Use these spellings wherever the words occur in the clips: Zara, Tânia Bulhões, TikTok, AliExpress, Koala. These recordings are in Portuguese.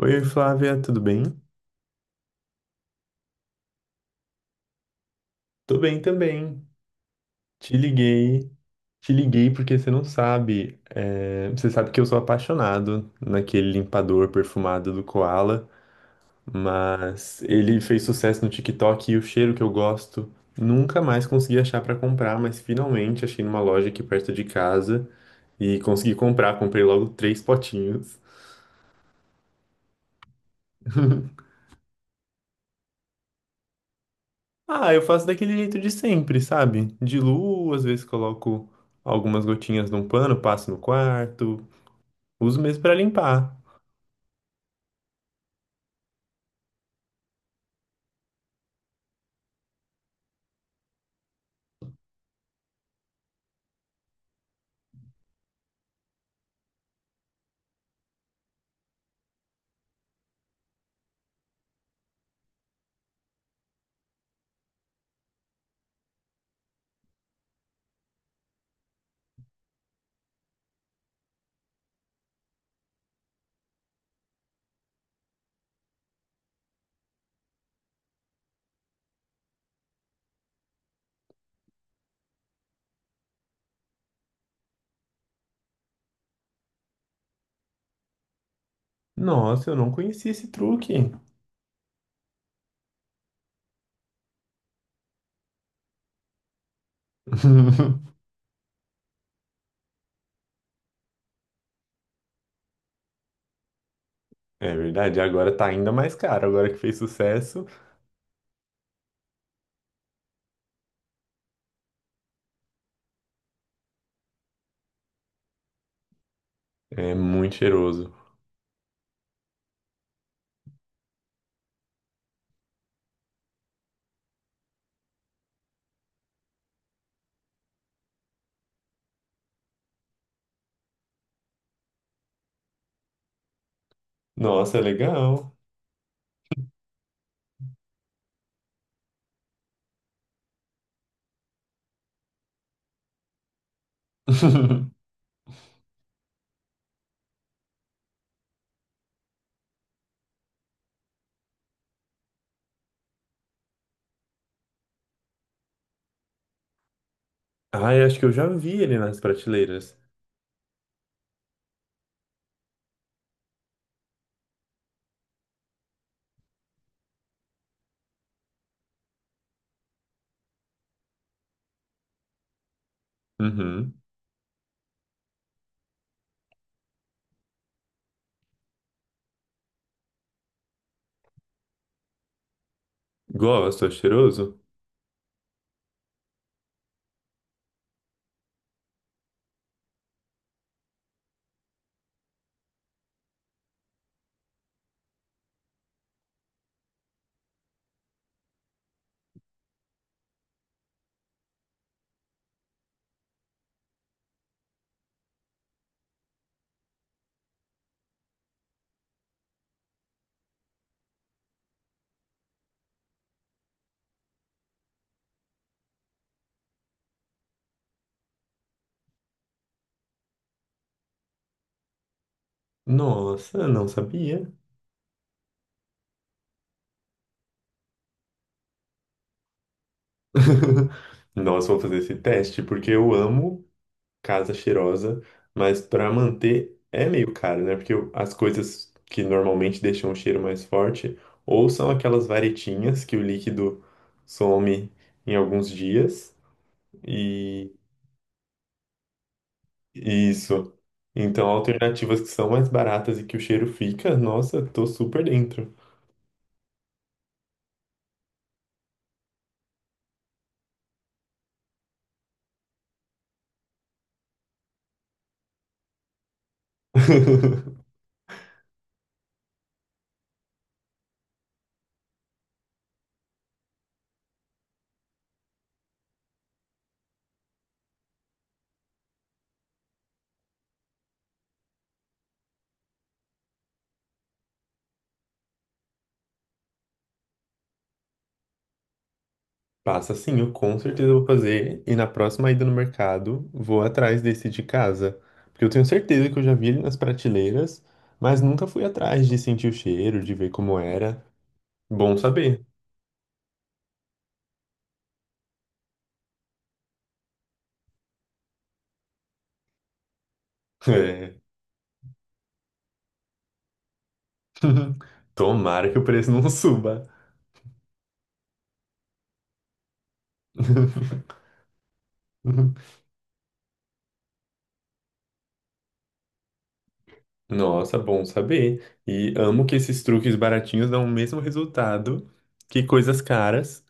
Oi, Flávia, tudo bem? Tô bem também. Te liguei, te liguei porque você não sabe, você sabe que eu sou apaixonado naquele limpador perfumado do Koala, mas ele fez sucesso no TikTok e o cheiro que eu gosto nunca mais consegui achar pra comprar, mas finalmente achei numa loja aqui perto de casa e consegui comprar, comprei logo três potinhos. Ah, eu faço daquele jeito de sempre, sabe? Diluo, às vezes coloco algumas gotinhas num pano, passo no quarto. Uso mesmo pra limpar. Nossa, eu não conhecia esse truque. É verdade, agora tá ainda mais caro. Agora que fez sucesso, é muito cheiroso. Nossa, é legal. Ai, acho que eu já vi ele nas prateleiras. Uhum. Gosto, é cheiroso? Nossa, não sabia. Nossa, vou fazer esse teste porque eu amo casa cheirosa, mas para manter é meio caro, né? Porque as coisas que normalmente deixam o cheiro mais forte ou são aquelas varetinhas que o líquido some em alguns dias e isso. Então, alternativas que são mais baratas e que o cheiro fica, nossa, tô super dentro. Passa sim, eu com certeza vou fazer. E na próxima ida no mercado, vou atrás desse de casa. Porque eu tenho certeza que eu já vi ele nas prateleiras, mas nunca fui atrás de sentir o cheiro, de ver como era. Bom saber. É. Tomara que o preço não suba. Nossa, bom saber. E amo que esses truques baratinhos dão o mesmo resultado que coisas caras.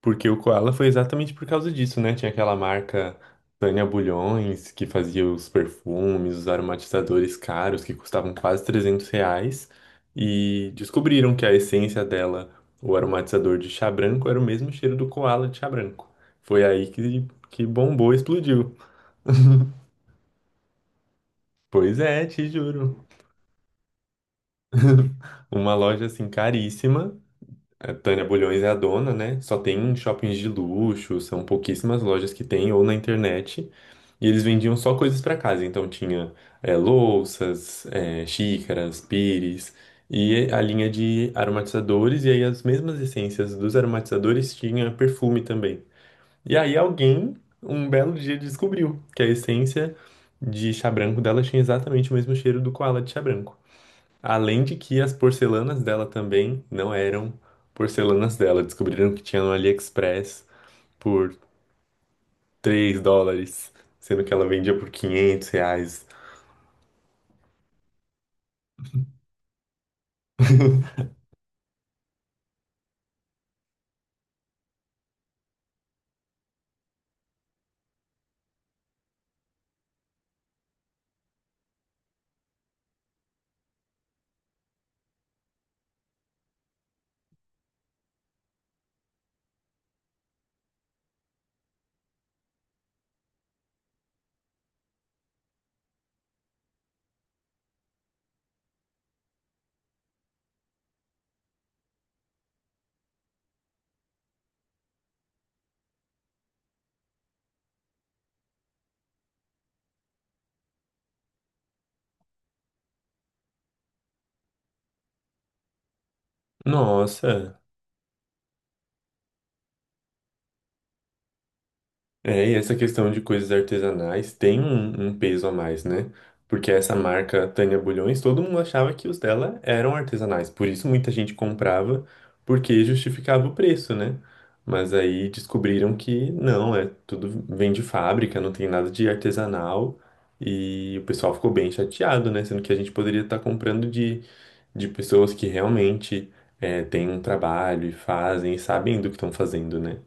Porque o Koala foi exatamente por causa disso, né? Tinha aquela marca Tânia Bulhões, que fazia os perfumes, os aromatizadores caros, que custavam quase R$ 300. E descobriram que a essência dela, o aromatizador de chá branco, era o mesmo cheiro do Koala de chá branco. Foi aí que bombou, explodiu. Pois é, te juro. Uma loja assim caríssima. A Tânia Bulhões é a dona, né? Só tem em shoppings de luxo, são pouquíssimas lojas que tem, ou na internet. E eles vendiam só coisas para casa, então tinha louças, xícaras, pires e a linha de aromatizadores, e aí as mesmas essências dos aromatizadores tinha perfume também. E aí alguém, um belo dia, descobriu que a essência de chá branco dela tinha exatamente o mesmo cheiro do koala de chá branco. Além de que as porcelanas dela também não eram porcelanas dela, descobriram que tinha no AliExpress por US$ 3, sendo que ela vendia por R$ 500. Nossa, e essa questão de coisas artesanais tem um peso a mais, né? Porque essa marca Tânia Bulhões, todo mundo achava que os dela eram artesanais, por isso muita gente comprava, porque justificava o preço, né? Mas aí descobriram que não, é tudo vem de fábrica, não tem nada de artesanal, e o pessoal ficou bem chateado, né? Sendo que a gente poderia estar comprando de pessoas que realmente têm um trabalho e fazem, e sabem do que estão fazendo, né?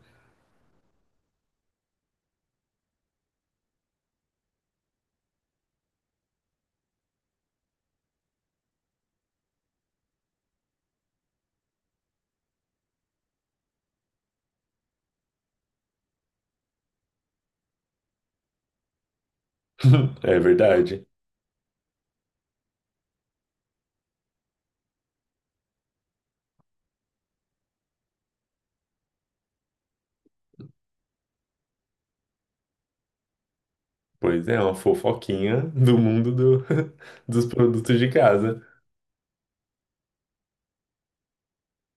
É verdade. Pois é, uma fofoquinha do mundo dos produtos de casa.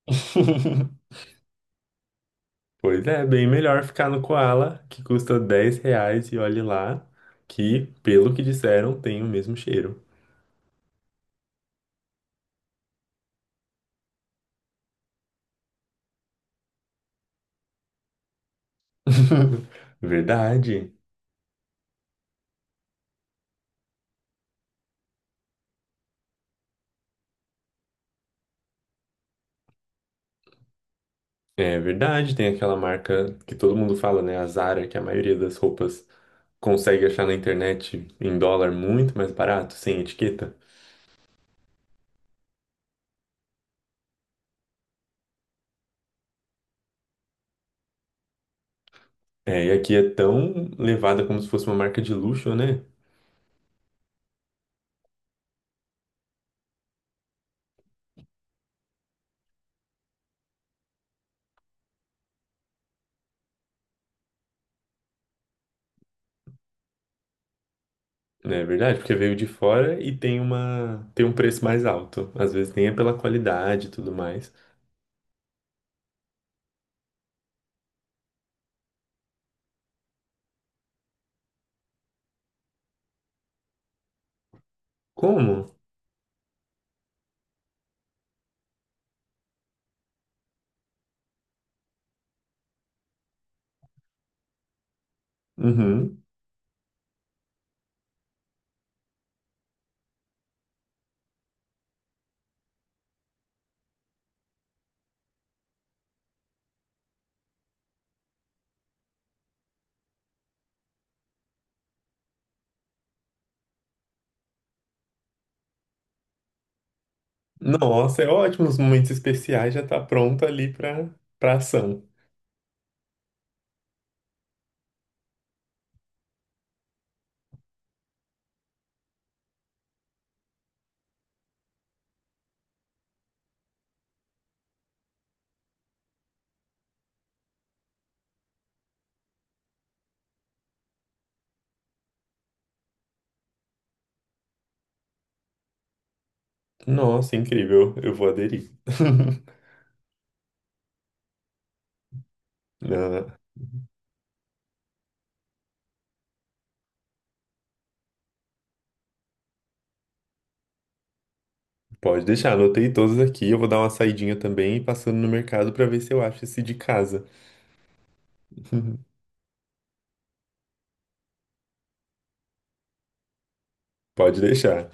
Pois é, bem melhor ficar no Koala, que custa R$ 10 e olhe lá, que, pelo que disseram, tem o mesmo cheiro. Verdade. É verdade, tem aquela marca que todo mundo fala, né? A Zara, que a maioria das roupas consegue achar na internet em dólar muito mais barato, sem etiqueta. É, e aqui é tão levada como se fosse uma marca de luxo, né? Né, é verdade, porque veio de fora e tem tem um preço mais alto. Às vezes nem é pela qualidade e tudo mais. Como? Uhum. Nossa, é ótimo. Os momentos especiais já tá pronto ali pra ação. Nossa, incrível. Eu vou aderir. Não, pode deixar, anotei todos aqui. Eu vou dar uma saidinha também e passando no mercado pra ver se eu acho esse de casa. Pode deixar.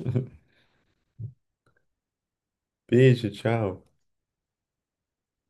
Beijo, tchau.